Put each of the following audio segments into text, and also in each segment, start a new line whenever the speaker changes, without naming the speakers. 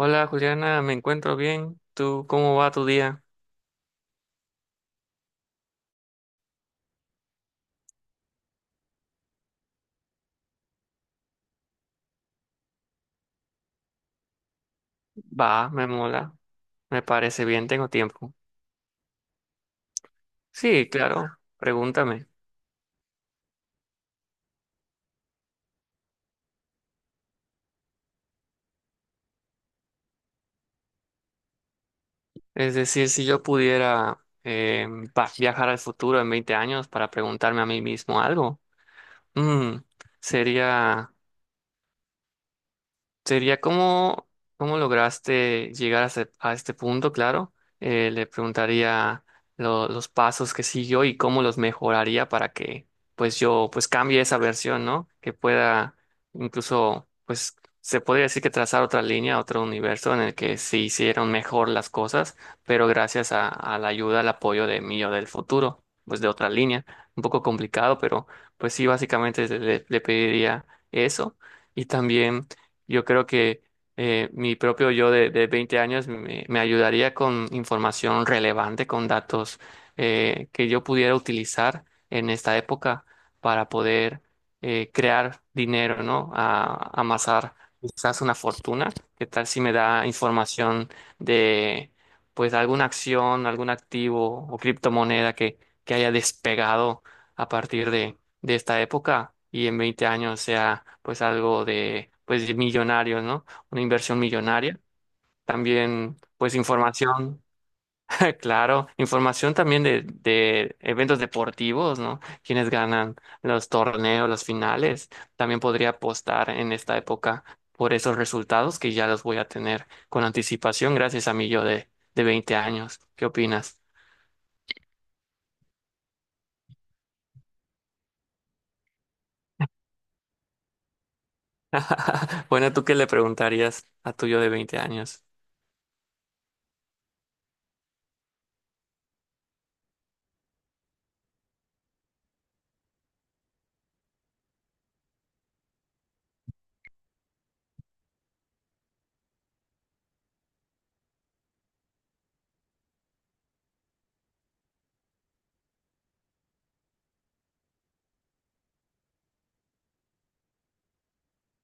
Hola Juliana, me encuentro bien. ¿Tú cómo va tu día? Va, me mola, me parece bien, tengo tiempo. Sí, claro, pregúntame. Es decir, si yo pudiera eh, viajar al futuro en 20 años para preguntarme a mí mismo algo, mm, sería. ¿Cómo, cómo lograste llegar a, a este punto? Claro. Le preguntaría los pasos que siguió y cómo los mejoraría para que pues yo pues cambie esa versión, ¿no? Que pueda, incluso pues, se podría decir que trazar otra línea, otro universo en el que se hicieron mejor las cosas, pero gracias a la ayuda, al apoyo de mí o del futuro, pues de otra línea. Un poco complicado, pero pues sí, básicamente le pediría eso. Y también, yo creo que mi propio yo de 20 años me, me ayudaría con información relevante, con datos que yo pudiera utilizar en esta época para poder crear dinero, ¿no? A, amasar quizás una fortuna. ¿Qué tal si me da información de, pues, alguna acción, algún activo o criptomoneda que haya despegado a partir de esta época y en 20 años sea pues algo de pues millonarios, ¿no? Una inversión millonaria. También pues información, claro, información también de eventos deportivos, ¿no? Quienes ganan los torneos, las finales. También podría apostar en esta época por esos resultados que ya los voy a tener con anticipación gracias a mi yo de 20 años. ¿Qué opinas? Bueno, ¿tú qué le preguntarías a tu yo de 20 años?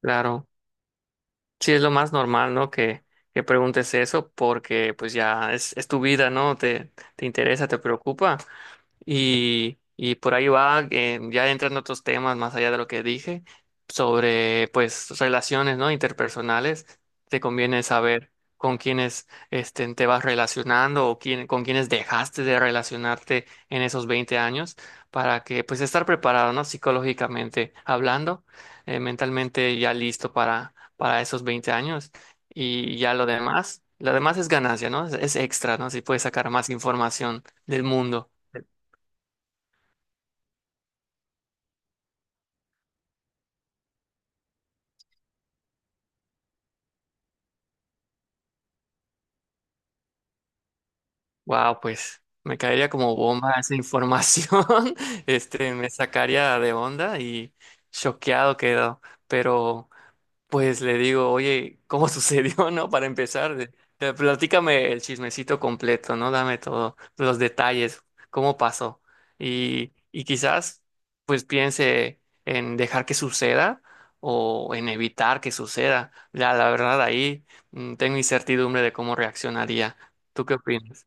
Claro. Sí, es lo más normal, ¿no? Que preguntes eso porque pues ya es tu vida, ¿no? Te interesa, te preocupa. Y por ahí va, ya entran otros temas más allá de lo que dije, sobre pues relaciones, ¿no? Interpersonales. Te conviene saber con quiénes este, te vas relacionando o quién, con quiénes dejaste de relacionarte en esos 20 años para que pues estar preparado, ¿no? Psicológicamente hablando, mentalmente ya listo para esos 20 años y ya lo demás. Lo demás es ganancia, ¿no? Es extra, ¿no? Si puedes sacar más información del mundo. Wow, pues me caería como bomba esa información. Este, me sacaría de onda y choqueado quedo. Pero pues le digo, oye, ¿cómo sucedió, no? Para empezar, platícame el chismecito completo, ¿no? Dame todos los detalles, cómo pasó. Y quizás, pues piense en dejar que suceda o en evitar que suceda. La verdad, ahí tengo incertidumbre de cómo reaccionaría. ¿Tú qué opinas?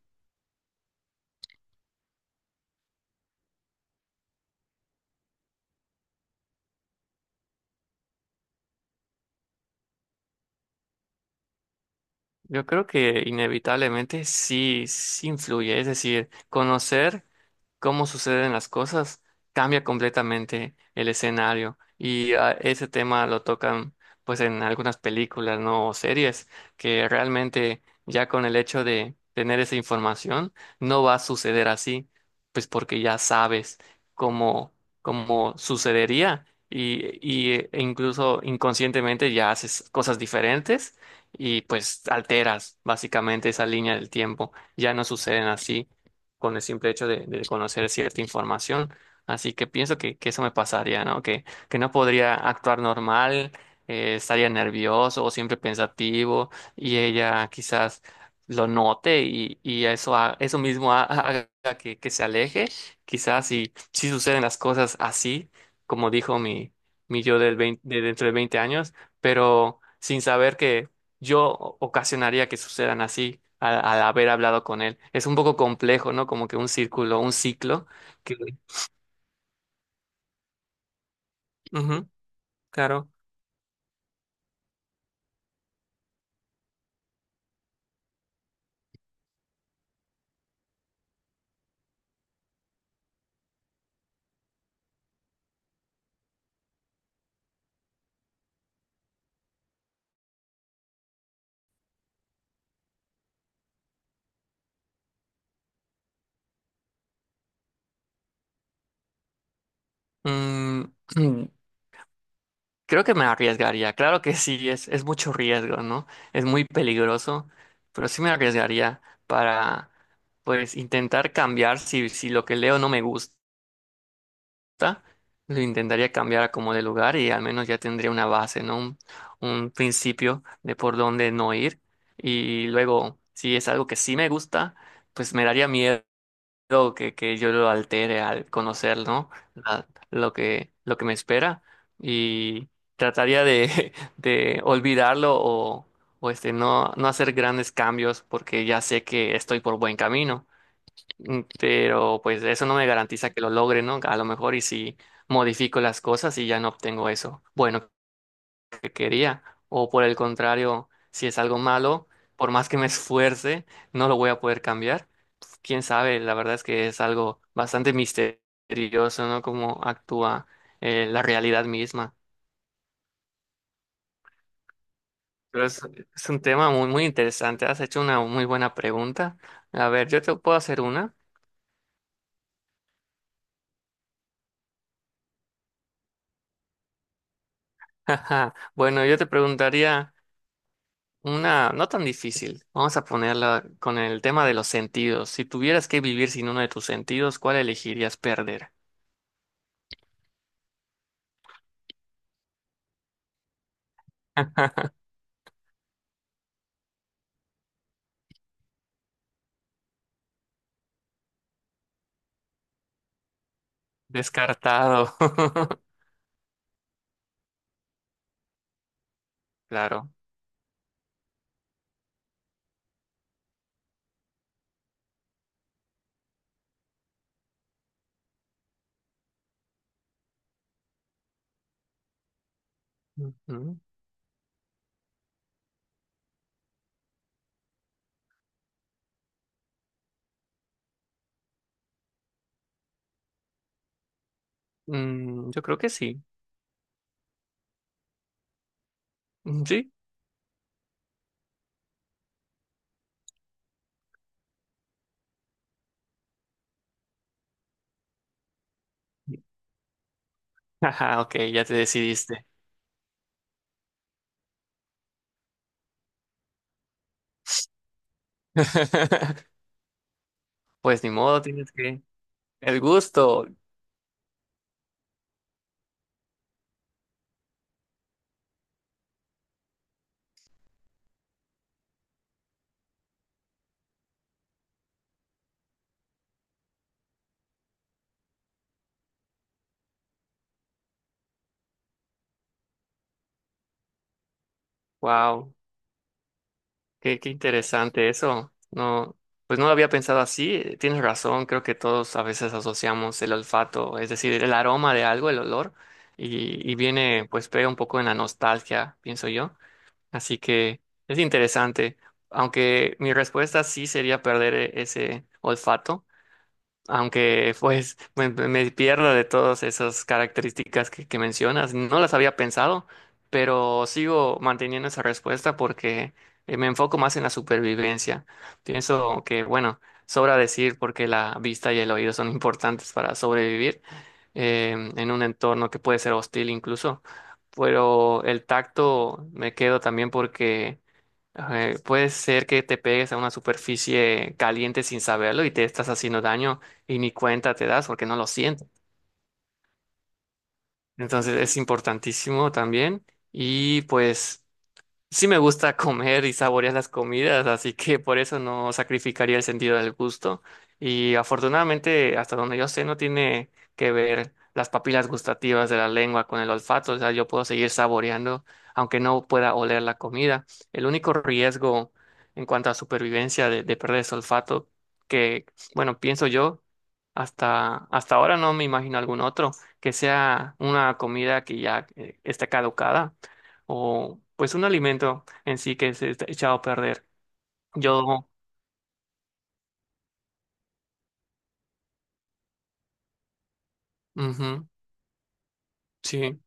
Yo creo que inevitablemente sí, sí influye, es decir, conocer cómo suceden las cosas cambia completamente el escenario y ah, ese tema lo tocan pues en algunas películas, ¿no? O series, que realmente ya con el hecho de tener esa información no va a suceder así, pues porque ya sabes cómo, cómo sucedería. Y, y, e incluso inconscientemente ya haces cosas diferentes y pues alteras básicamente esa línea del tiempo. Ya no suceden así con el simple hecho de conocer cierta información. Así que pienso que eso me pasaría, ¿no? Que no podría actuar normal, estaría nervioso o siempre pensativo y ella quizás lo note y eso, eso mismo haga que se aleje. Quizás si, si suceden las cosas así, como dijo mi, mi yo del 20 de dentro de 20 años, pero sin saber que yo ocasionaría que sucedan así al, al haber hablado con él. Es un poco complejo, ¿no? Como que un círculo, un ciclo. Que... Ujú, claro. Mm, mm, creo que me arriesgaría. Claro que sí, es mucho riesgo, ¿no? Es muy peligroso, pero sí me arriesgaría para, pues, intentar cambiar si, si lo que leo no me gusta. Gusta, lo intentaría cambiar a como de lugar y al menos ya tendría una base, ¿no? Un principio de por dónde no ir. Y luego, si es algo que sí me gusta, pues me daría miedo que yo lo altere al conocer, ¿no? Lo que, lo que me espera, y trataría de de olvidarlo o este, no, no hacer grandes cambios porque ya sé que estoy por buen camino. Mm, pero pues eso no me garantiza que lo logre, ¿no? A lo mejor y si modifico las cosas y ya no obtengo eso bueno que quería. O por el contrario, si es algo malo, por más que me esfuerce, no lo voy a poder cambiar. Quién sabe, la verdad es que es algo bastante misterioso, ¿no? Cómo actúa la realidad misma. Pero es un tema muy, muy interesante. Has hecho una muy buena pregunta. A ver, yo te puedo hacer una. Bueno, yo te preguntaría una, no tan difícil. Vamos a ponerla con el tema de los sentidos. Si tuvieras que vivir sin uno de tus sentidos, ¿cuál elegirías perder? Descartado. Claro. Ujú. Mm, yo creo que sí. Mm, sí. Ajá, ok, ya te decidiste. Pues ni modo, tienes que. El gusto. Wow. Qué, qué interesante eso. No, pues no lo había pensado así. Tienes razón, creo que todos a veces asociamos el olfato, es decir, el aroma de algo, el olor, y viene, pues pega un poco en la nostalgia, pienso yo. Así que es interesante, aunque mi respuesta sí sería perder ese olfato, aunque pues me pierdo de todas esas características que mencionas, no las había pensado, pero sigo manteniendo esa respuesta porque me enfoco más en la supervivencia. Pienso que, bueno, sobra decir porque la vista y el oído son importantes para sobrevivir en un entorno que puede ser hostil incluso, pero el tacto me quedo también porque puede ser que te pegues a una superficie caliente sin saberlo y te estás haciendo daño y ni cuenta te das porque no lo sientes. Entonces es importantísimo también, y pues sí me gusta comer y saborear las comidas, así que por eso no sacrificaría el sentido del gusto. Y afortunadamente, hasta donde yo sé, no tiene que ver las papilas gustativas de la lengua con el olfato, o sea, yo puedo seguir saboreando aunque no pueda oler la comida. El único riesgo en cuanto a supervivencia de perder ese olfato, que, bueno, pienso yo, hasta, hasta ahora no me imagino algún otro, que sea una comida que ya esté caducada o pues un alimento en sí que se está echado a perder. Yo, ujú, sí.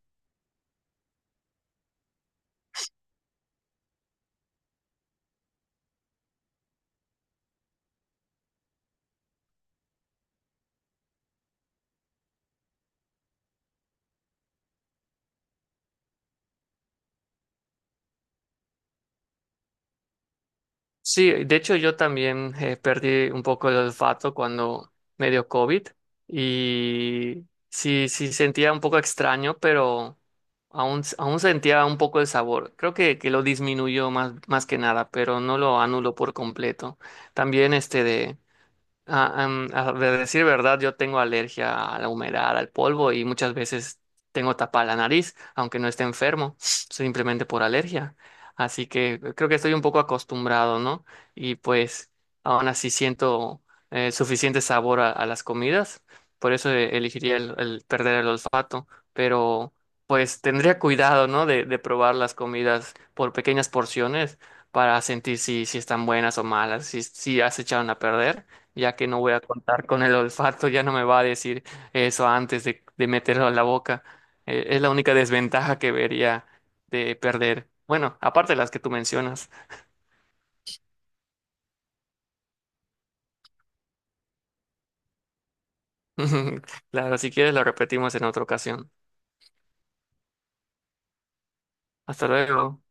Sí, de hecho yo también perdí un poco el olfato cuando me dio COVID y sí, sí sentía un poco extraño, pero aún, aún sentía un poco el sabor. Creo que lo disminuyó más, más que nada, pero no lo anuló por completo. También este de... A, a de decir verdad, yo tengo alergia a la humedad, al polvo y muchas veces tengo tapada la nariz, aunque no esté enfermo, simplemente por alergia. Así que creo que estoy un poco acostumbrado, ¿no? Y pues aún así siento suficiente sabor a las comidas, por eso elegiría el perder el olfato, pero pues tendría cuidado, ¿no? De probar las comidas por pequeñas porciones para sentir si, si están buenas o malas, si, si ya se echaron a perder, ya que no voy a contar con el olfato, ya no me va a decir eso antes de meterlo a la boca. Es la única desventaja que vería de perder. Bueno, aparte de las que tú mencionas. Claro, si quieres lo repetimos en otra ocasión. Hasta luego.